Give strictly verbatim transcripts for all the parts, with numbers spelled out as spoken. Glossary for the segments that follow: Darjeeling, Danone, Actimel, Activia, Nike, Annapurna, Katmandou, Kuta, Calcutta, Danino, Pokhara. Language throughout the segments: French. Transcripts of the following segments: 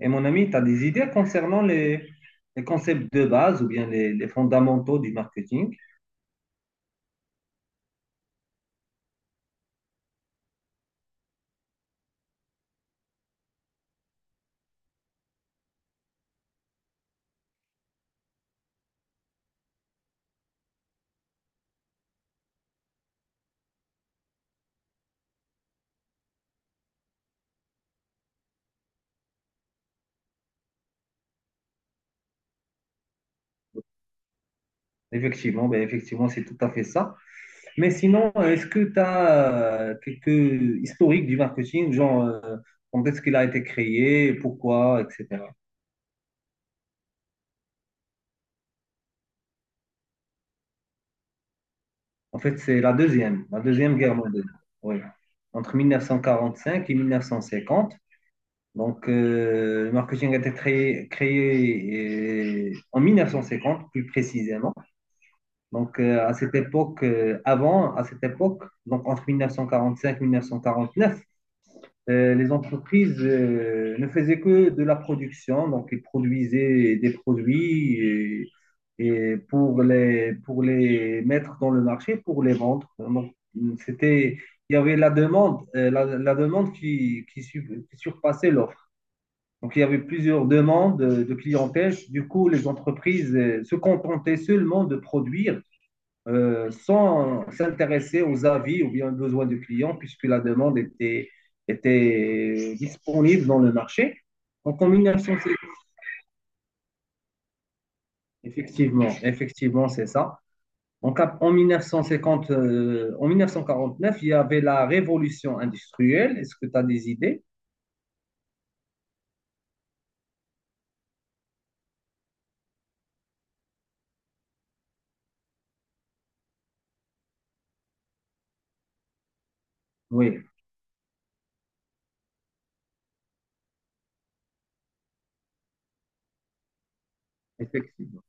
Et mon ami, tu as des idées concernant les, les concepts de base ou bien les, les fondamentaux du marketing. Effectivement, ben effectivement, c'est tout à fait ça. Mais sinon, est-ce que tu as quelques historiques du marketing, genre euh, quand est-ce qu'il a été créé, pourquoi, et cetera. En fait, c'est la deuxième, la deuxième guerre mondiale. Oui. Entre mille neuf cent quarante-cinq et mille neuf cent cinquante. Donc, euh, le marketing a été créé, créé euh, en mille neuf cent cinquante, plus précisément. Donc, euh, à cette époque, euh, avant, à cette époque, donc entre mille neuf cent quarante-cinq et mille neuf cent quarante-neuf, euh, les entreprises euh, ne faisaient que de la production, donc ils produisaient des produits et, et pour les, pour les mettre dans le marché, pour les vendre. Donc, c'était, il y avait la demande, euh, la, la demande qui, qui, su- qui surpassait l'offre. Donc, il y avait plusieurs demandes de clientèle. Du coup, les entreprises euh, se contentaient seulement de produire euh, sans s'intéresser aux avis ou bien aux besoins du client, puisque la demande était, était disponible dans le marché. Donc en mille neuf cent cinquante, effectivement, effectivement, c'est ça. Donc, en mille neuf cent cinquante, euh, en mille neuf cent quarante-neuf, il y avait la révolution industrielle. Est-ce que tu as des idées? Oui, effectivement.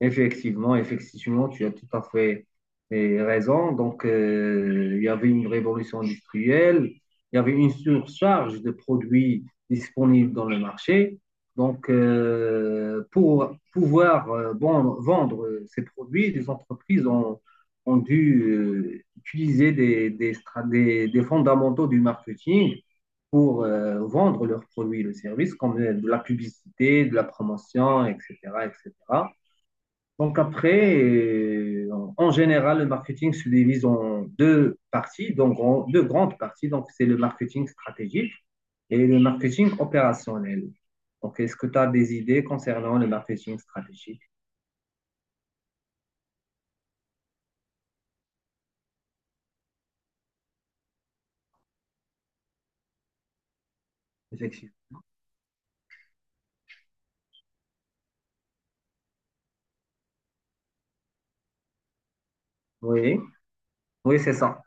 Effectivement, effectivement, tu as tout à fait eh, raison. Donc, euh, il y avait une révolution industrielle, il y avait une surcharge de produits disponibles dans le marché. Donc, euh, pour pouvoir euh, bon- vendre euh, ces produits, les entreprises ont, ont dû euh, utiliser des, des, stra- des- des fondamentaux du marketing pour euh, vendre leurs produits et leurs services, comme euh, de la publicité, de la promotion, et cetera, et cetera. Donc après, euh, en général, le marketing se divise en deux parties, donc en deux grandes parties. Donc c'est le marketing stratégique et le marketing opérationnel. Donc est-ce que tu as des idées concernant le marketing stratégique? Effectivement. Oui, oui, c'est ça.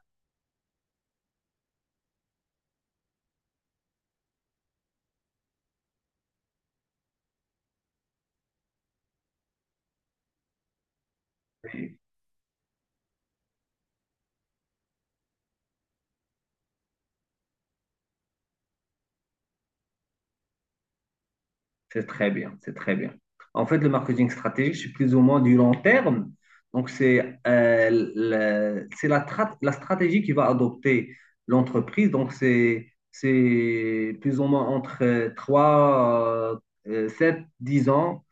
Oui. C'est très bien, c'est très bien. En fait, le marketing stratégique, c'est plus ou moins du long terme. Donc, c'est euh, le- c'est la, tra- la stratégie qui va adopter l'entreprise. Donc, c'est c'est plus ou moins entre trois, sept, dix ans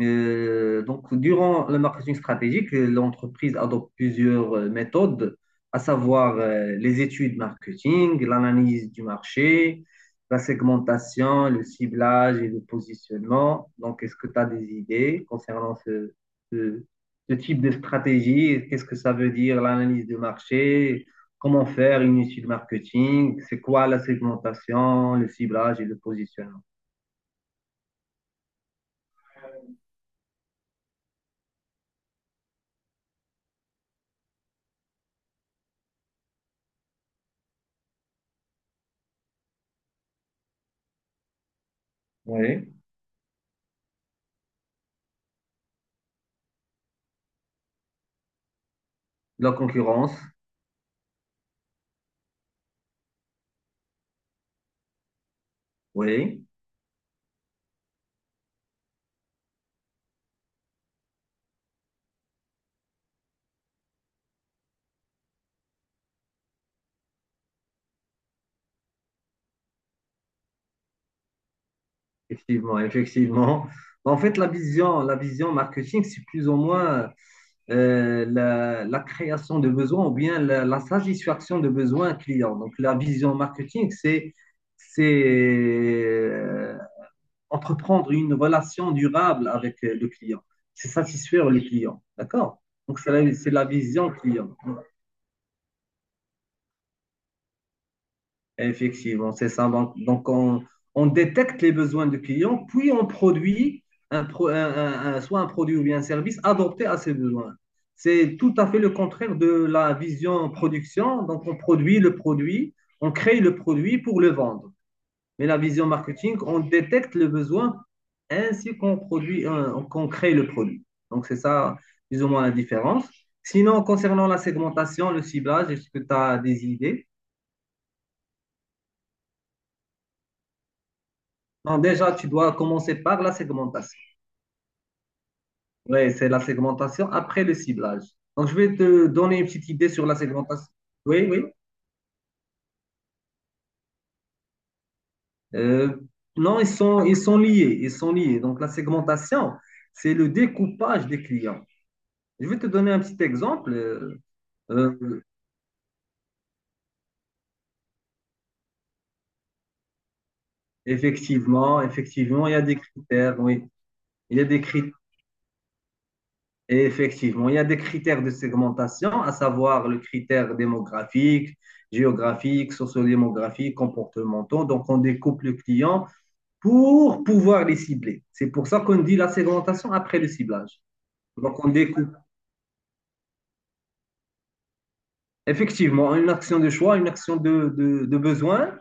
euh, donc, durant le marketing stratégique, l'entreprise adopte plusieurs euh, méthodes, à savoir euh, les études marketing, l'analyse du marché, la segmentation, le ciblage et le positionnement. Donc, est-ce que tu as des idées concernant ce, ce- ce type de stratégie? Qu'est-ce que ça veut dire l'analyse du marché? Comment faire une étude marketing? C'est quoi la segmentation, le ciblage et le positionnement? Oui. La concurrence? Oui. Effectivement, effectivement. Bah, En fait, la vision, la vision marketing, c'est plus ou moins euh, la, la création de besoins ou bien la, la satisfaction de besoins clients. Donc, la vision marketing, c'est c'est euh, entreprendre une relation durable avec euh, le client. C'est satisfaire le client. D'accord? Donc, c'est la, c'est la vision client. Effectivement, c'est ça. Donc, donc on, on détecte les besoins du client, puis on produit un pro- un- un- un- soit un produit ou bien un service adapté à ses besoins. C'est tout à fait le contraire de la vision production. Donc, on produit le produit, on crée le produit pour le vendre. Mais la vision marketing, on détecte le besoin ainsi qu'on produit, un- qu'on crée le produit. Donc, c'est ça, plus ou moins la différence. Sinon, concernant la segmentation, le ciblage, est-ce que tu as des idées? Donc déjà, tu dois commencer par la segmentation. Oui, c'est la segmentation après le ciblage. Donc, je vais te donner une petite idée sur la segmentation. Oui, oui. Euh, non, ils sont, ils sont liés. Ils sont liés. Donc, la segmentation, c'est le découpage des clients. Je vais te donner un petit exemple. Euh, euh, effectivement, effectivement, il y a des critères. Oui, il y a des critères. Et effectivement, il y a des critères de segmentation, à savoir le critère démographique, géographique, sociodémographique, comportementaux. Donc, on découpe le client pour pouvoir les cibler. C'est pour ça qu'on dit la segmentation après le ciblage. Donc, on découpe effectivement une action de choix, une action de, de, de besoin.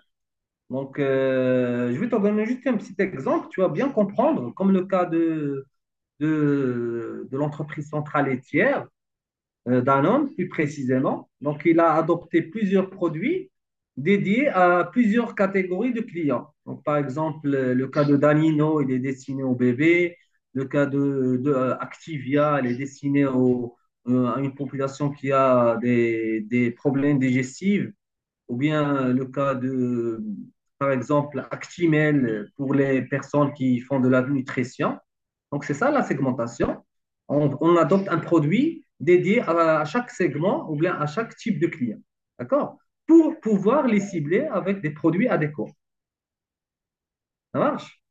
Donc, euh, je vais te donner juste un petit exemple, tu vas bien comprendre, comme le cas de, de, de l'entreprise centrale et tiers. euh, Danone plus précisément. Donc, il a adopté plusieurs produits dédiés à plusieurs catégories de clients. Donc, par exemple, euh, le cas de Danino, il est destiné aux bébés. Le cas de, de, euh, Activia, il est destiné au- euh, à une population qui a des, des problèmes digestifs ou bien le cas de, par exemple, Actimel pour les personnes qui font de la nutrition. Donc, c'est ça la segmentation. On, on, adopte un produit dédié à, à, chaque segment ou bien à chaque type de client. D'accord. Pour pouvoir les cibler avec des produits adéquats. Ça marche.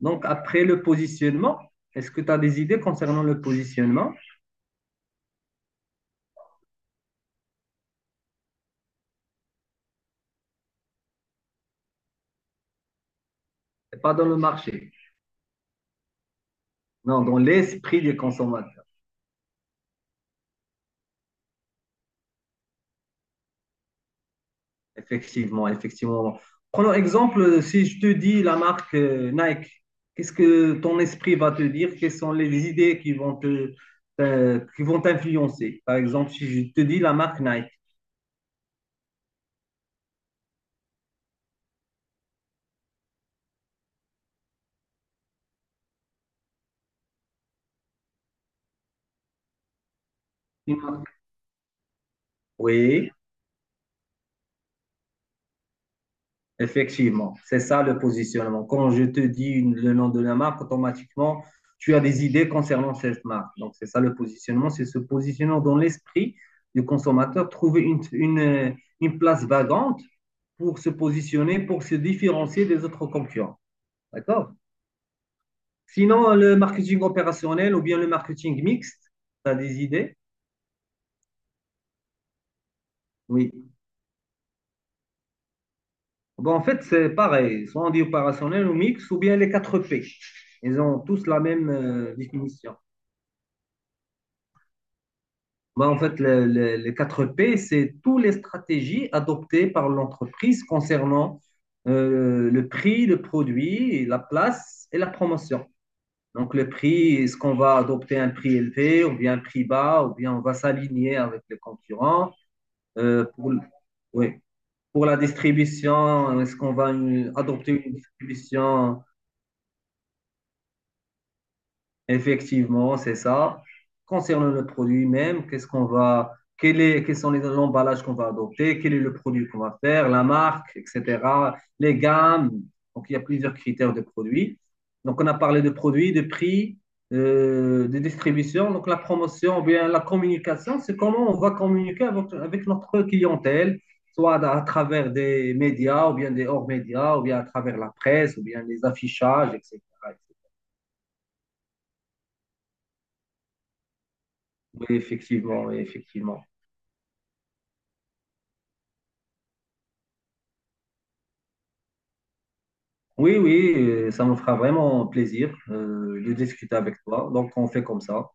Donc, après le positionnement, est-ce que tu as des idées concernant le positionnement? Pas dans le marché. Non, dans l'esprit des consommateurs. Effectivement, effectivement. Prenons exemple, si je te dis la marque euh, Nike, qu'est-ce que ton esprit va te dire? Quelles sont les idées qui vont te, te- qui vont t'influencer? Par exemple, si je te dis la marque Nike. Une marque. Oui. Effectivement, c'est ça le positionnement. Quand je te dis une- le nom de la marque, automatiquement, tu as des idées concernant cette marque. Donc, c'est ça le positionnement, c'est se positionner dans l'esprit du consommateur, trouver une, une, euh, une place vagante pour se positionner, pour se différencier des autres concurrents. D'accord? Sinon, le marketing opérationnel ou bien le marketing mixte, tu as des idées? Oui. Bon, en fait, c'est pareil, soit on dit opérationnel ou mixte, ou bien les quatre P. Ils ont tous la même euh, définition. Bah, en fait, le- le- les quatre p c'est toutes les stratégies adoptées par l'entreprise concernant euh, le prix, le produit, la place et la promotion. Donc, le prix, est-ce qu'on va adopter un prix élevé ou bien un prix bas ou bien on va s'aligner avec les concurrents? Euh, pour, le- oui. Pour la distribution, est-ce qu'on va une- adopter une distribution. Effectivement, c'est ça. Concernant le produit même, qu'est-ce qu'on va, quel est, quels sont les emballages qu'on va adopter, quel est le produit qu'on va faire, la marque, et cetera, les gammes. Donc, il y a plusieurs critères de produits. Donc, on a parlé de produits, de prix, euh, de distribution. Donc, la promotion, ou bien la communication, c'est comment on va communiquer avec, avec notre clientèle, soit à, à travers des médias, ou bien des hors-médias, ou bien à travers la presse, ou bien les affichages, et cetera. Oui, effectivement, oui, effectivement. Oui, oui, euh, ça me fera vraiment plaisir euh, de discuter avec toi. Donc, on fait comme ça.